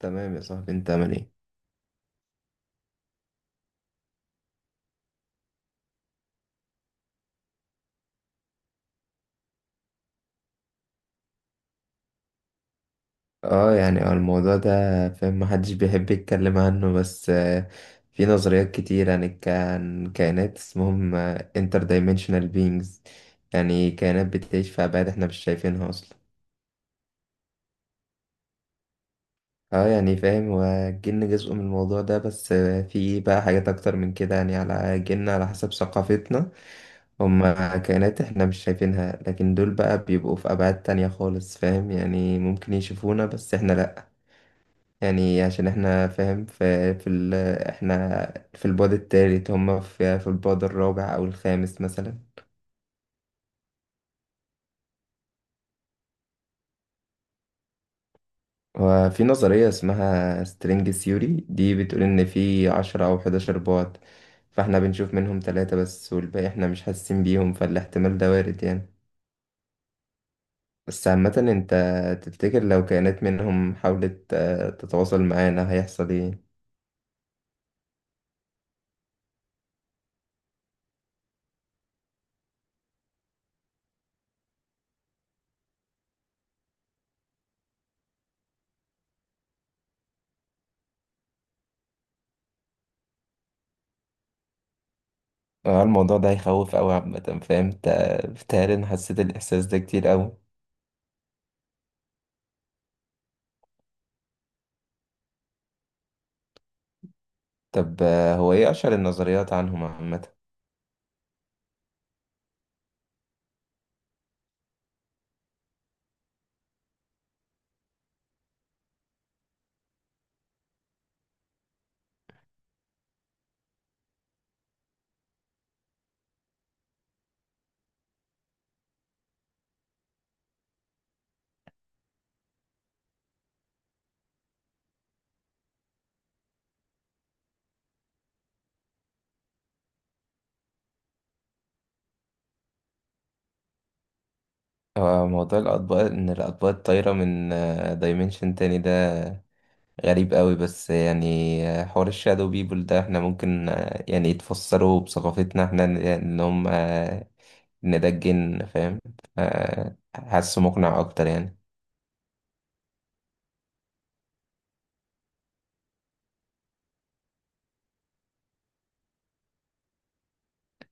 تمام يا صاحبي انت عامل ايه؟ اه يعني الموضوع ده فاهم محدش بيحب يتكلم عنه بس في نظريات كتير عن عن كائنات اسمهم انتر دايمنشنال بينجز. يعني كائنات بتعيش في ابعاد احنا مش شايفينها اصلا. اه يعني فاهم، والجن جزء من الموضوع ده بس في بقى حاجات اكتر من كده، يعني على جن على حسب ثقافتنا. هم كائنات احنا مش شايفينها، لكن دول بقى بيبقوا في ابعاد تانية خالص فاهم. يعني ممكن يشوفونا بس احنا لا. يعني عشان احنا فاهم في في ال احنا في البعد التالت، هم في البعد الرابع او الخامس مثلا. وفي نظرية اسمها سترينج ثيوري، دي بتقول ان في 10 او 11 بعد، فاحنا بنشوف منهم 3 بس، والباقي احنا مش حاسين بيهم، فالاحتمال ده وارد يعني. بس عامة انت تفتكر لو كائنات منهم حاولت تتواصل معانا هيحصل ايه؟ اه الموضوع ده هيخوف أوي عامة فاهم؟ بتهيألي أنا حسيت الإحساس ده كتير أوي. طب هو ايه اشهر النظريات عنهم عامه؟ هو موضوع الاطباق، ان الاطباق الطايره من دايمنشن تاني ده غريب قوي بس يعني حوار الشادو بيبول ده احنا ممكن يعني يتفسروا بثقافتنا احنا ان إن هم ان ده الجن فاهم. حاسه مقنع اكتر يعني.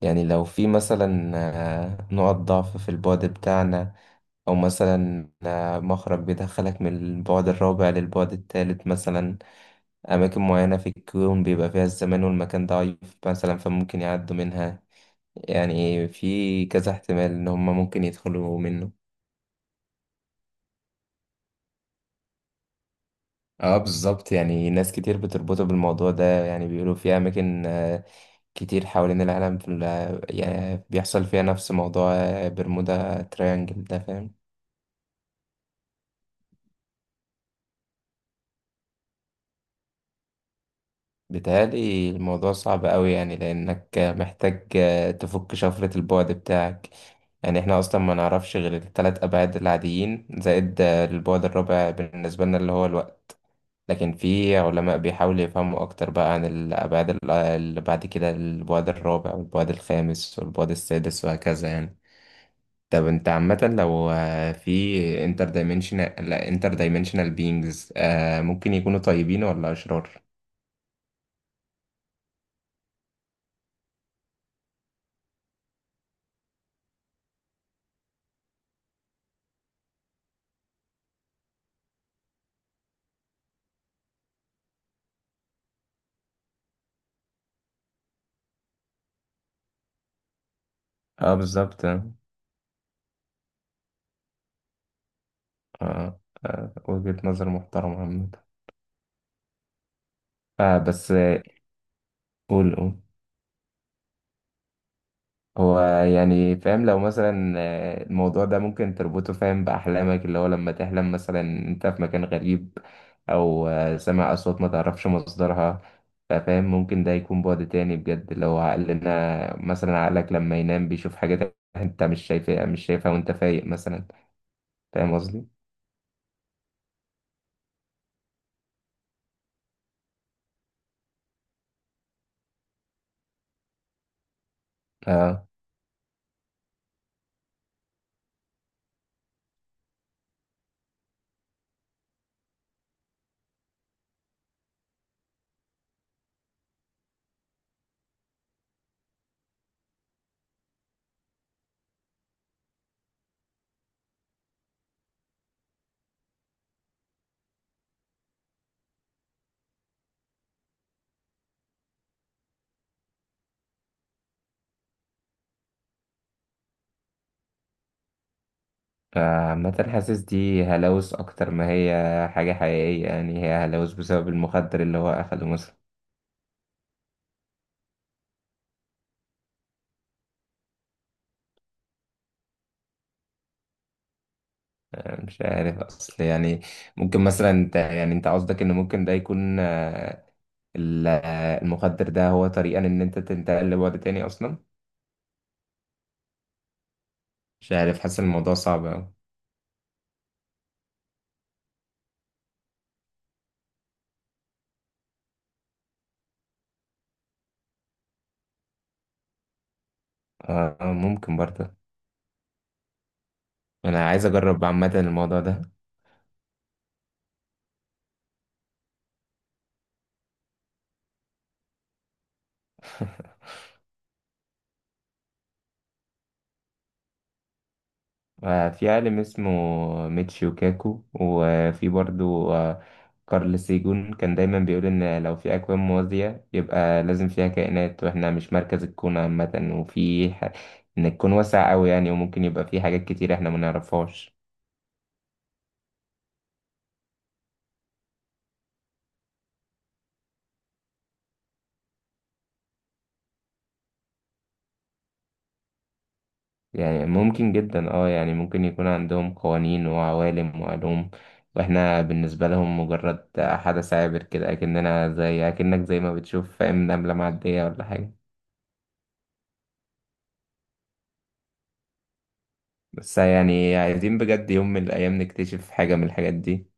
يعني لو في مثلا نقط ضعف في البعد بتاعنا، او مثلا مخرج بيدخلك من البعد الرابع للبعد الثالث مثلا. أماكن معينة في الكون بيبقى فيها الزمان والمكان ضعيف مثلا، فممكن يعدوا منها. يعني في كذا احتمال إن هما ممكن يدخلوا منه. اه بالظبط، يعني ناس كتير بتربطه بالموضوع ده. يعني بيقولوا في أماكن كتير حوالين العالم يعني بيحصل فيها نفس موضوع برمودا تريانجل ده فاهم. بيتهيألي الموضوع صعب أوي، يعني لأنك محتاج تفك شفرة البعد بتاعك. يعني احنا أصلا ما نعرفش غير التلات أبعاد العاديين زائد البعد الرابع بالنسبة لنا اللي هو الوقت، لكن في علماء بيحاولوا يفهموا أكتر بقى عن الأبعاد اللي بعد كده، البعد الرابع والبعد الخامس والبعد السادس وهكذا يعني. طب انت عامة لو في انتر دايمنشنال، لا، انتر دايمنشنال بينجز، ممكن يكونوا طيبين ولا أشرار؟ اه بالظبط. آه. آه. وجهة نظر محترمة عامة. آه بس قول قول. هو يعني فاهم لو مثلا الموضوع ده ممكن تربطه فاهم بأحلامك، اللي هو لما تحلم مثلا أنت في مكان غريب، أو سامع أصوات ما تعرفش مصدرها، فاهم ممكن ده يكون بعد تاني بجد لو عقلنا مثلا، عقلك لما ينام بيشوف حاجات أنت مش شايفها، مش شايفها وأنت فايق مثلا. فاهم قصدي؟ آه. فعامة حاسس دي هلاوس أكتر ما هي حاجة حقيقية، يعني هي هلاوس بسبب المخدر اللي هو أخده مثلا. أنا مش عارف أصل يعني. ممكن مثلا أنت، يعني أنت قصدك إن ممكن ده يكون المخدر ده هو طريقة إن أنت تنتقل لبعد تاني أصلا. مش عارف، حاسس إن الموضوع صعب أوي. آه آه، ممكن برضه. أنا عايز أجرب عامة الموضوع ده. في عالم اسمه ميتشيو كاكو، وفي برضو كارل سيجون، كان دايما بيقول إن لو في أكوان موازية يبقى لازم فيها كائنات، وإحنا مش مركز الكون عامة. إن الكون واسع أوي يعني، وممكن يبقى فيه حاجات كتير إحنا منعرفهاش. يعني ممكن جدا يعني ممكن يكون عندهم قوانين وعوالم وعلوم، واحنا بالنسبة لهم مجرد حدث عابر كده، أكننا زي أكنك زي ما بتشوف فاهم نملة معدية ولا حاجة. بس يعني عايزين بجد يوم من الأيام نكتشف حاجة من الحاجات دي.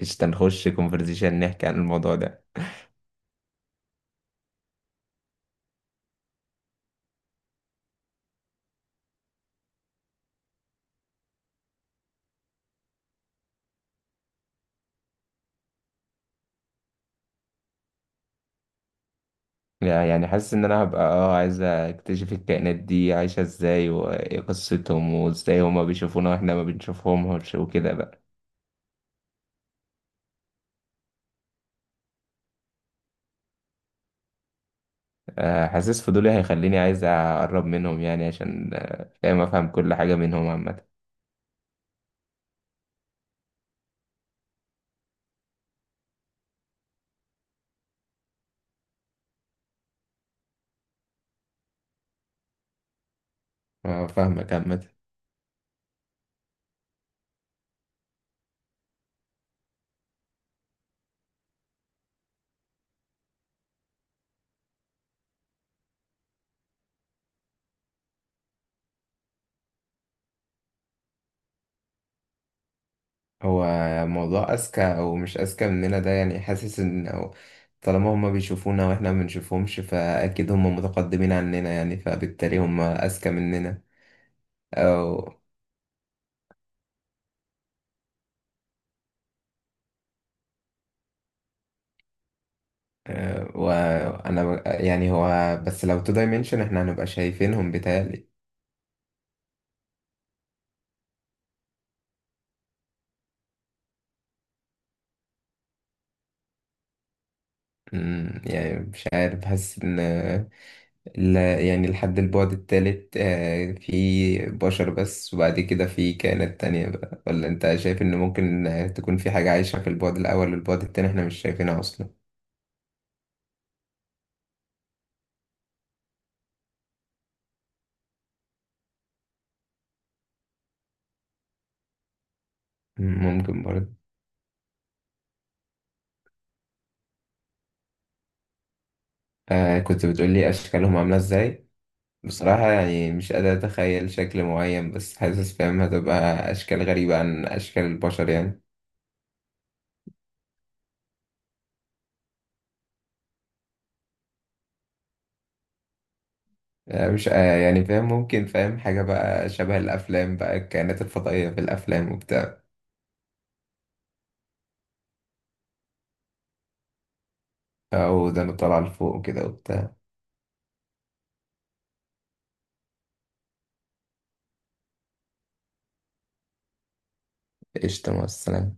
قشطة نخش كونفرزيشن نحكي عن الموضوع ده. لا، يعني حاسس إن أنا هبقى عايز أكتشف الكائنات دي عايشة إزاي، وإيه قصتهم، وإزاي هما بيشوفونا وإحنا ما بنشوفهمش وكده بقى. حاسس فضولي هيخليني عايز أقرب منهم، يعني عشان فاهم أفهم كل حاجة منهم عامة. فاهمك عامة. هو موضوع أذكى أو مش أذكى مننا ده، يعني حاسس إن، أو طالما هما بيشوفونا وإحنا ما بنشوفهمش فأكيد هما متقدمين عننا، يعني فبالتالي هما أذكى مننا. أو يعني هو بس لو تو دايمنشن إحنا هنبقى شايفينهم بيتهيألي. يعني مش عارف، بحس إن لا يعني لحد البعد التالت في بشر بس، وبعد كده في كائنات تانية بقى، ولا انت شايف ان ممكن تكون في حاجة عايشة في البعد الأول والبعد التاني احنا مش شايفينها أصلا. ممكن برضه. آه، كنت بتقولي أشكالهم عاملة ازاي. بصراحة يعني مش قادر أتخيل شكل معين، بس حاسس فاهم هتبقى أشكال غريبة عن أشكال البشر يعني. آه، مش يعني فاهم ممكن فاهم حاجة بقى شبه الأفلام بقى، الكائنات الفضائية في الأفلام وبتاع، أو ده طالعة لفوق وكده وبتاع. قشطة، مع السلامة.